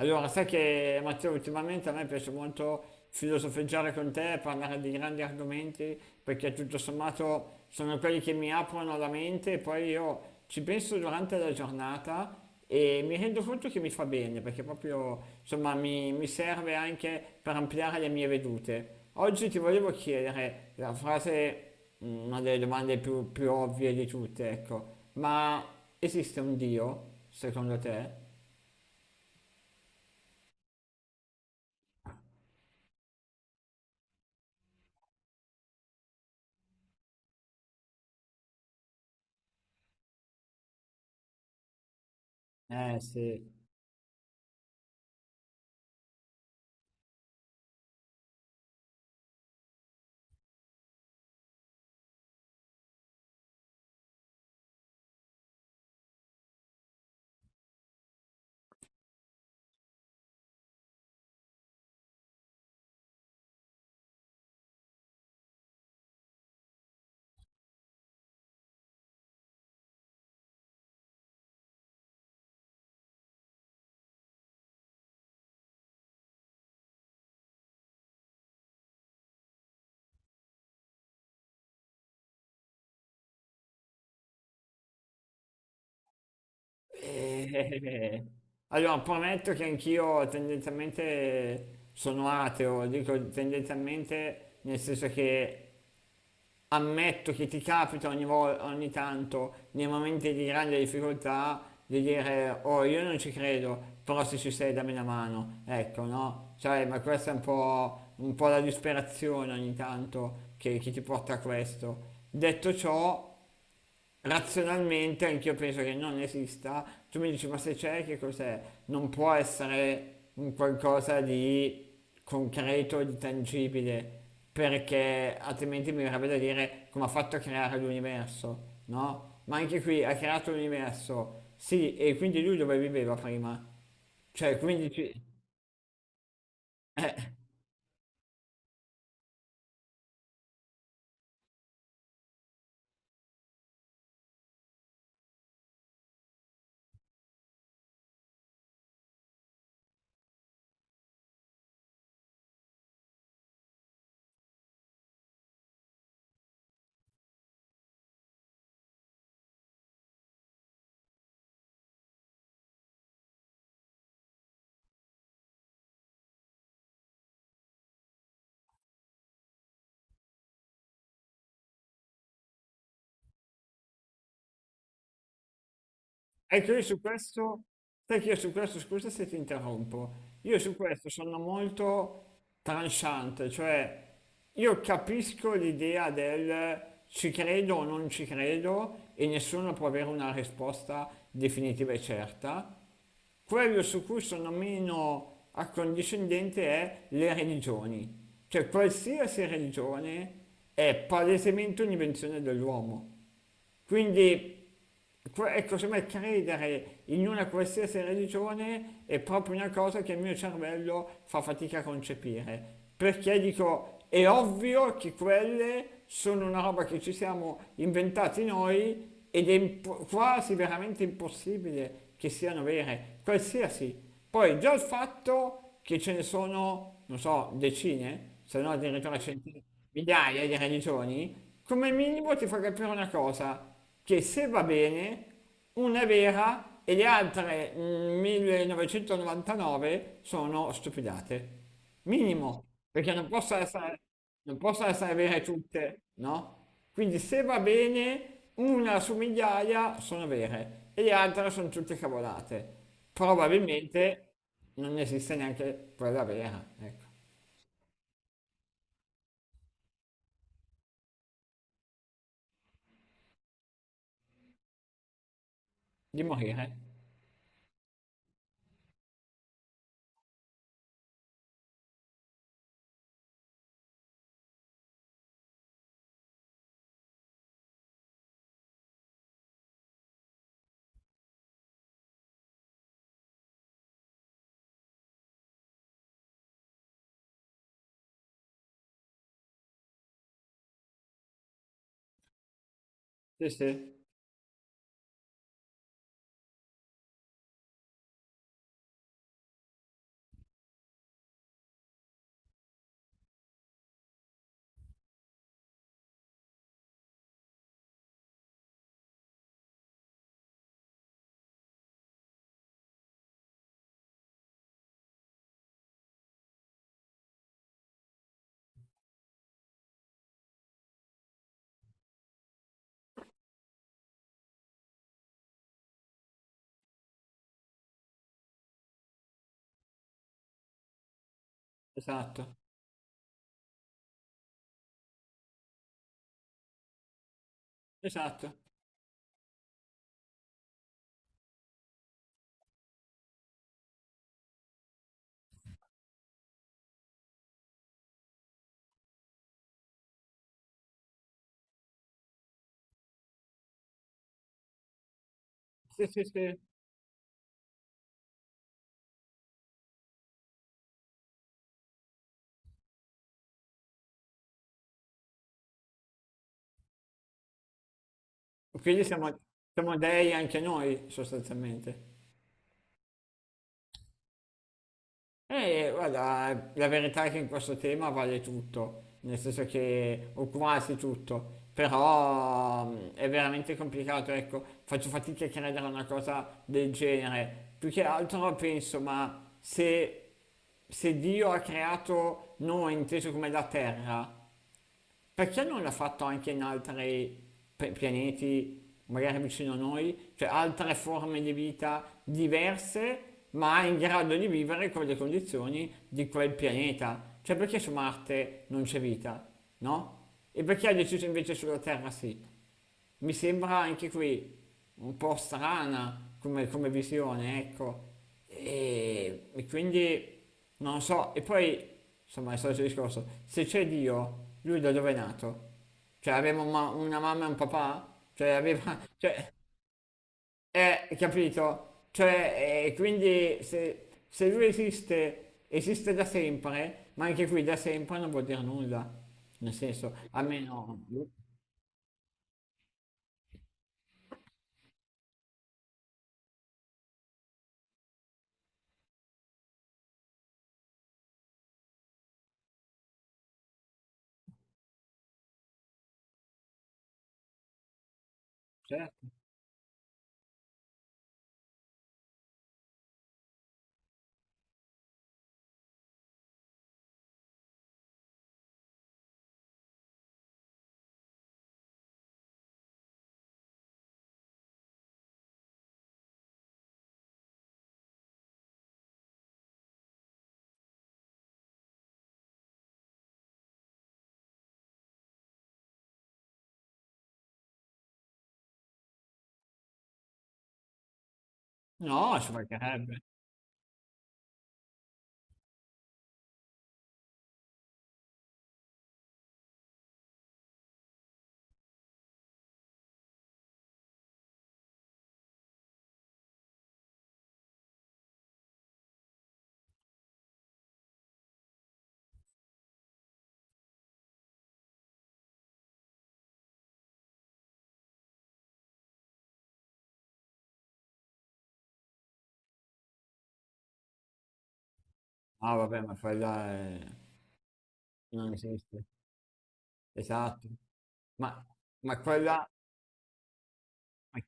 Allora, sai che Matteo, ultimamente a me piace molto filosofeggiare con te, parlare di grandi argomenti, perché tutto sommato sono quelli che mi aprono la mente e poi io ci penso durante la giornata e mi rendo conto che mi fa bene, perché proprio insomma mi serve anche per ampliare le mie vedute. Oggi ti volevo chiedere la frase, una delle domande più ovvie di tutte, ecco, ma esiste un Dio, secondo te? Eh sì. Eh, Allora, prometto che anch'io tendenzialmente sono ateo, dico tendenzialmente nel senso che ammetto che ti capita ogni volta, ogni tanto, nei momenti di grande difficoltà, di dire, oh, io non ci credo, però se ci sei dammi una mano, ecco, no? Cioè, ma questa è un po' la disperazione ogni tanto che ti porta a questo. Detto ciò, razionalmente anch'io penso che non esista. Tu mi dici, ma se c'è, che cos'è? Non può essere un qualcosa di concreto, di tangibile, perché altrimenti mi verrebbe da dire come ha fatto a creare l'universo, no? Ma anche qui ha creato l'universo, sì, e quindi lui dove viveva prima? Cioè, quindi ci... eh. Ecco, io su questo, sai che io su questo, scusa se ti interrompo, io su questo sono molto tranciante, cioè io capisco l'idea del ci credo o non ci credo e nessuno può avere una risposta definitiva e certa. Quello su cui sono meno accondiscendente è le religioni, cioè qualsiasi religione è palesemente un'invenzione dell'uomo. Quindi, que- ecco, sembra credere in una qualsiasi religione è proprio una cosa che il mio cervello fa fatica a concepire. Perché dico, è ovvio che quelle sono una roba che ci siamo inventati noi ed è impo- quasi veramente impossibile che siano vere, qualsiasi. Poi già il fatto che ce ne sono, non so, decine, se no addirittura centinaia migliaia di religioni, come minimo ti fa capire una cosa, che se va bene, una è vera e le altre 1999 sono stupidate. Minimo, perché non possono essere, non possono essere vere tutte, no? Quindi se va bene, una su migliaia sono vere e le altre sono tutte cavolate. Probabilmente non esiste neanche quella vera, ecco, di morire. Sì, sì, esatto. Esatto, sì, sì, sì. Quindi siamo, siamo dei anche noi sostanzialmente. E guarda, la verità è che in questo tema vale tutto, nel senso che, o quasi tutto, però è veramente complicato, ecco, faccio fatica a credere a una cosa del genere. Più che altro penso, ma se se Dio ha creato noi inteso come la terra perché non l'ha fatto anche in altri pe- pianeti, magari vicino a noi, cioè altre forme di vita diverse, ma in grado di vivere con le condizioni di quel pianeta? Cioè perché su Marte non c'è vita, no? E perché ha deciso invece sulla Terra sì? Mi sembra anche qui un po' strana come, come visione, ecco. E quindi non so, e poi insomma è stato il solito discorso, se c'è Dio, lui da dove è nato? Cioè aveva una mamma e un papà? Cioè aveva, cioè, capito? Cioè, quindi se, se lui esiste, esiste da sempre, ma anche qui da sempre non vuol dire nulla, nel senso, almeno, certo. No, ci mancherebbe. Ah, vabbè, ma quella è- non esiste. Esatto. Ma, ma quella... ma-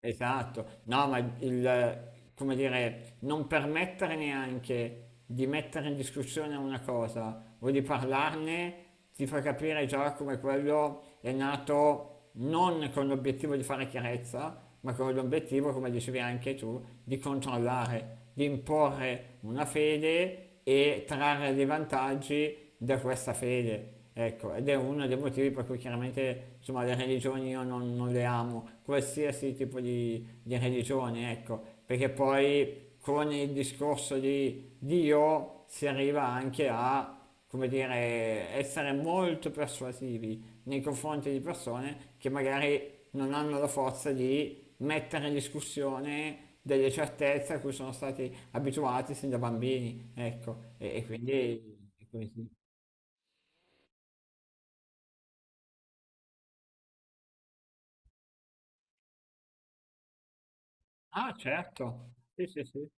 Esatto. No, ma il, come dire, non permettere neanche di mettere in discussione una cosa o di parlarne ti fa capire già come quello è nato non con l'obiettivo di fare chiarezza, ma con l'obiettivo, come dicevi anche tu, di controllare, di imporre una fede e trarre dei vantaggi da questa fede. Ecco, ed è uno dei motivi per cui chiaramente insomma, le religioni io non, non le amo, qualsiasi tipo di religione, ecco, perché poi con il discorso di Dio si arriva anche a, come dire, essere molto persuasivi nei confronti di persone che magari non hanno la forza di mettere in discussione delle certezze a cui sono stati abituati sin da bambini, ecco, e quindi- sì. Ah certo, sì, sì, sì.